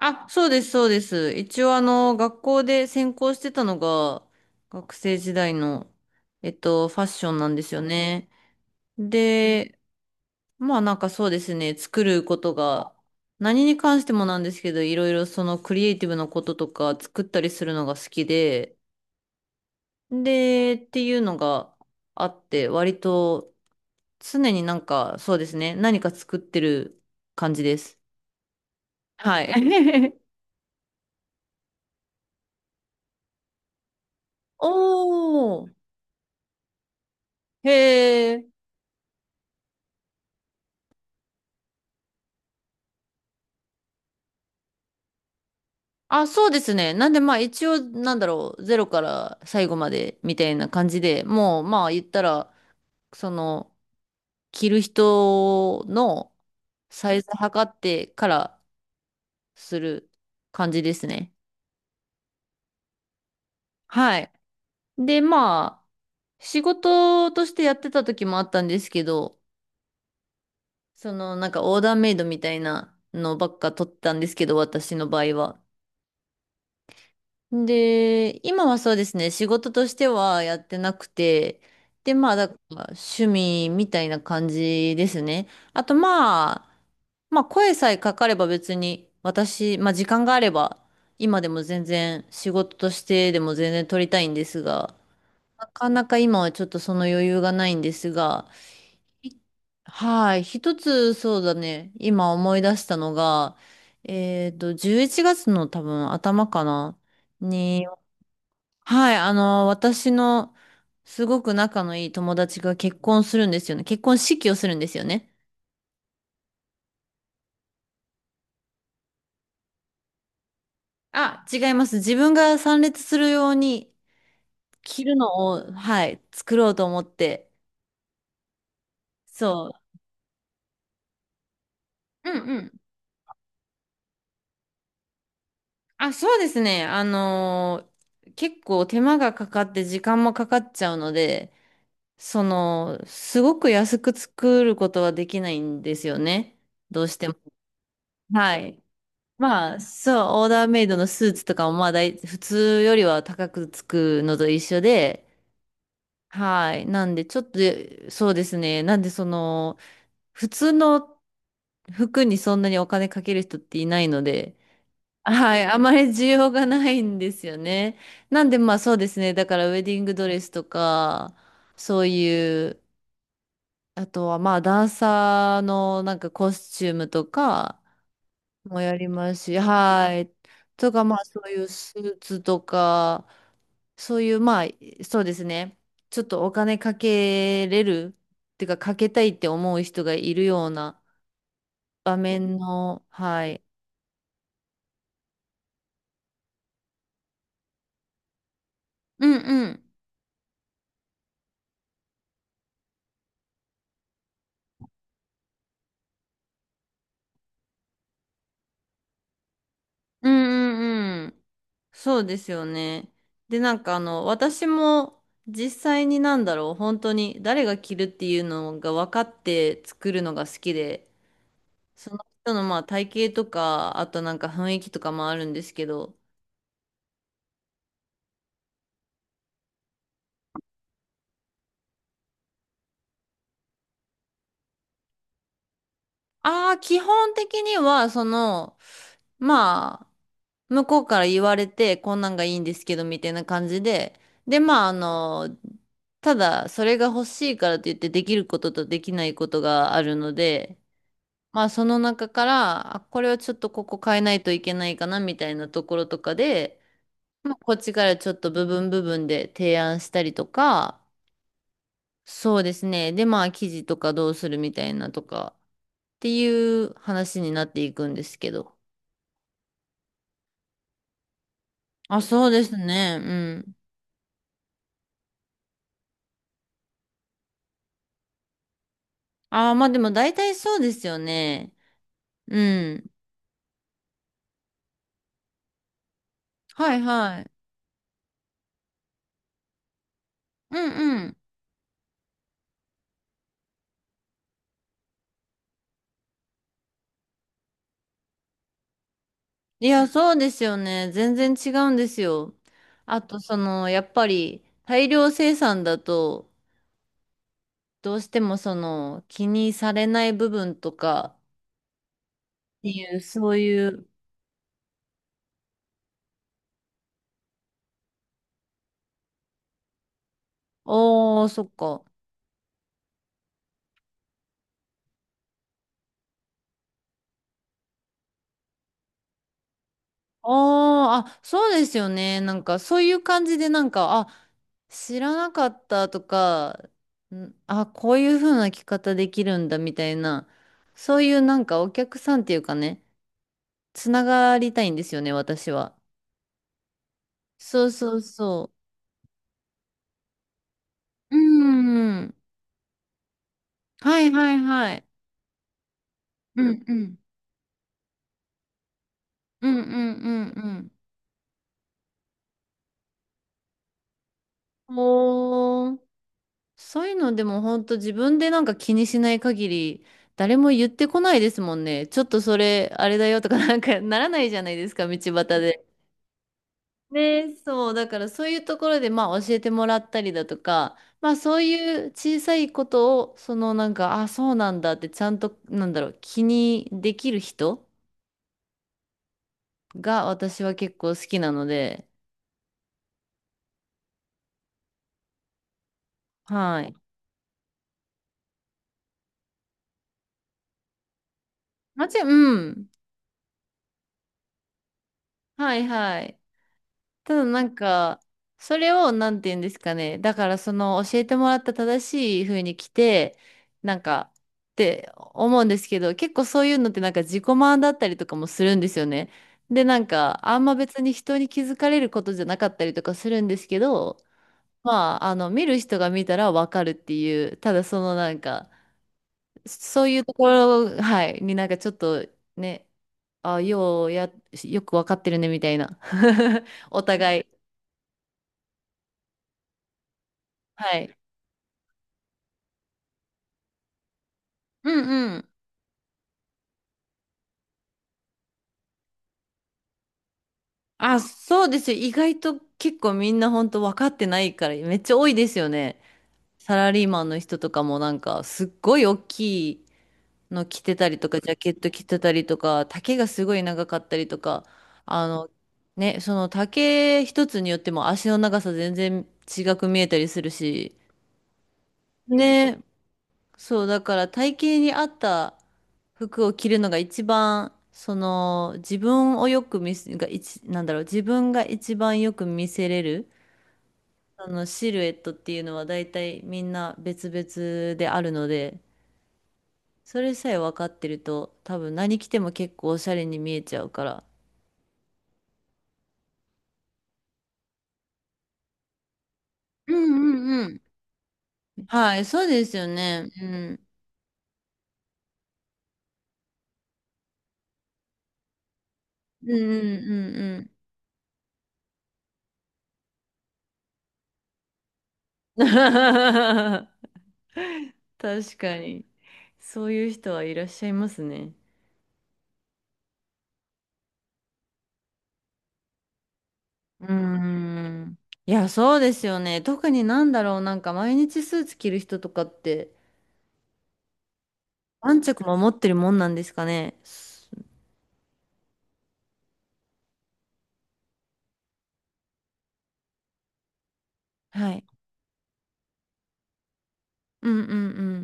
あ、そうです、そうです。一応、学校で専攻してたのが、学生時代の、ファッションなんですよね。で、まあ、なんかそうですね、作ることが、何に関してもなんですけど、いろいろそのクリエイティブなこととか、作ったりするのが好きで、で、っていうのがあって、割と、常になんか、そうですね、何か作ってる感じです。はい。おー、へー。あ、そうですね。なんでまあ一応なんだろう、ゼロから最後までみたいな感じで、もうまあ言ったら、その、着る人のサイズ測ってからする感じですね。はい。でまあ、仕事としてやってた時もあったんですけど、そのなんかオーダーメイドみたいなのばっか取ったんですけど、私の場合は。で、今はそうですね、仕事としてはやってなくて、で、まあ、だから趣味みたいな感じですね。あと、まあ、まあ、声さえかかれば別に、私、まあ、時間があれば、今でも全然仕事としてでも全然取りたいんですが、なかなか今はちょっとその余裕がないんですが、いはい、一つそうだね、今思い出したのが、11月の多分頭かな。にはい、私のすごく仲のいい友達が結婚するんですよね。結婚式をするんですよね。あ、違います。自分が参列するように着るのを、はい、作ろうと思って。そう。うんうん。あ、そうですね。結構手間がかかって時間もかかっちゃうので、その、すごく安く作ることはできないんですよね。どうしても。はい。まあ、そう、オーダーメイドのスーツとかもまあ大、普通よりは高くつくのと一緒で、はい。なんで、ちょっと、そうですね。なんで、その、普通の服にそんなにお金かける人っていないので、はい。あまり需要がないんですよね。なんで、まあそうですね。だから、ウェディングドレスとか、そういう、あとはまあ、ダンサーのなんかコスチュームとか、もやりますし、はい。とか、まあ、そういうスーツとか、そういう、まあ、そうですね。ちょっとお金かけれる、っていうか、かけたいって思う人がいるような場面の、はい。うんうん。うんうんうん。そうですよね。で、なんかあの、私も実際になんだろう、本当に誰が着るっていうのが分かって作るのが好きで、その人のまあ体型とか、あとなんか雰囲気とかもあるんですけど、ああ、基本的には、その、まあ、向こうから言われて、こんなんがいいんですけど、みたいな感じで、で、まあ、あの、ただ、それが欲しいからといって、できることとできないことがあるので、まあ、その中から、あ、これはちょっとここ変えないといけないかな、みたいなところとかで、まあ、こっちからちょっと部分部分で提案したりとか、そうですね。で、まあ、記事とかどうするみたいなとかっていう話になっていくんですけど。あ、そうですね。うん。ああ、まあでも大体そうですよね。うん。はいはい。うんうん。いや、そうですよね。全然違うんですよ。あと、その、やっぱり大量生産だと、どうしてもその、気にされない部分とかっていう、そういう、おー、そっか。あーあ、そうですよね。なんか、そういう感じで、なんか、あ、知らなかったとか、んあ、こういう風な着方できるんだみたいな、そういうなんかお客さんっていうかね、つながりたいんですよね、私は。そうそうそう。うんうん。はいはいはい。うんうん。うんうんうんうん。おー。そういうのでも本当自分でなんか気にしない限り誰も言ってこないですもんね。ちょっとそれあれだよとかなんかならないじゃないですか、道端で。ね、そう、だからそういうところでまあ教えてもらったりだとか、まあそういう小さいことをそのなんか、あ、そうなんだってちゃんとなんだろう、気にできる人が私は結構好きなので、はい。うん。はいはい。ただなんか、それをなんて言うんですかね。だからその教えてもらった正しい風に来て、なんか、って思うんですけど、結構そういうのってなんか自己満だったりとかもするんですよね。で、なんか、あんま別に人に気づかれることじゃなかったりとかするんですけど、まあ、あの、見る人が見たらわかるっていう、ただそのなんか、そういうところ、はい、になんかちょっとね、あ、ようや、よくわかってるねみたいな。お互い。はい。うんうん。あ、そうですよ。意外と結構みんな本当分かってないから、めっちゃ多いですよね。サラリーマンの人とかもなんか、すっごい大きいの着てたりとか、ジャケット着てたりとか、丈がすごい長かったりとか、あの、ね、その丈一つによっても足の長さ全然違く見えたりするし、ね、そう、だから体型に合った服を着るのが一番、その自分をよく見せ、が一、なんだろう、自分が一番よく見せれる、あのシルエットっていうのは大体みんな別々であるので、それさえ分かってると多分何着ても結構おしゃれに見えちゃうから。うんうんうん。はい、そうですよね。うん。うんうんうんうん 確かに。そういう人はいらっしゃいますね。うーん。いや、そうですよね。特になんだろう、なんか毎日スーツ着る人とかって、何着も持ってるもんなんですかね。はい。うんうんう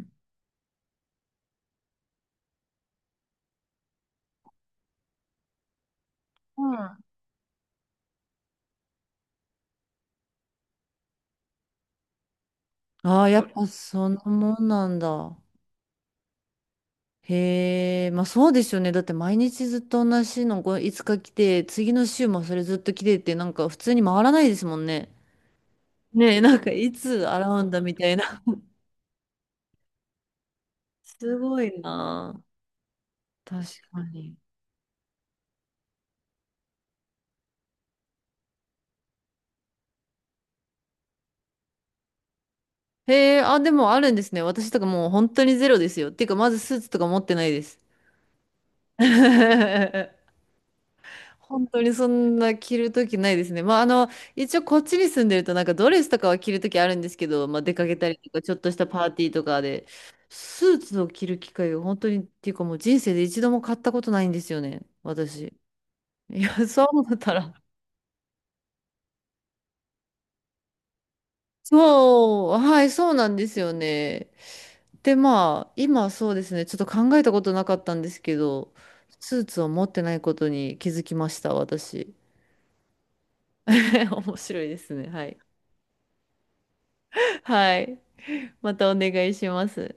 ん。うんあーやっぱそんなもんなんだ。へえ、まあそうですよね。だって毎日ずっと同じのこういつか着て、次の週もそれずっと着てって、なんか普通に回らないですもんね。ねえ、なんかいつ洗うんだみたいな。すごいなあ。確かに。へえ、あ、でもあるんですね。私とかもう本当にゼロですよ。っていうか、まずスーツとか持ってないです。本当にそんな着るときないですね。まあ、あの、一応こっちに住んでるとなんかドレスとかは着るときあるんですけど、まあ、出かけたりとか、ちょっとしたパーティーとかで、スーツを着る機会が本当に、っていうかもう人生で一度も買ったことないんですよね、私。いや、そう思ったら。そう、はい、そうなんですよね。で、まあ、今そうですね、ちょっと考えたことなかったんですけど、スーツを持ってないことに気づきました、私。面白いですね。はい。はい。またお願いします。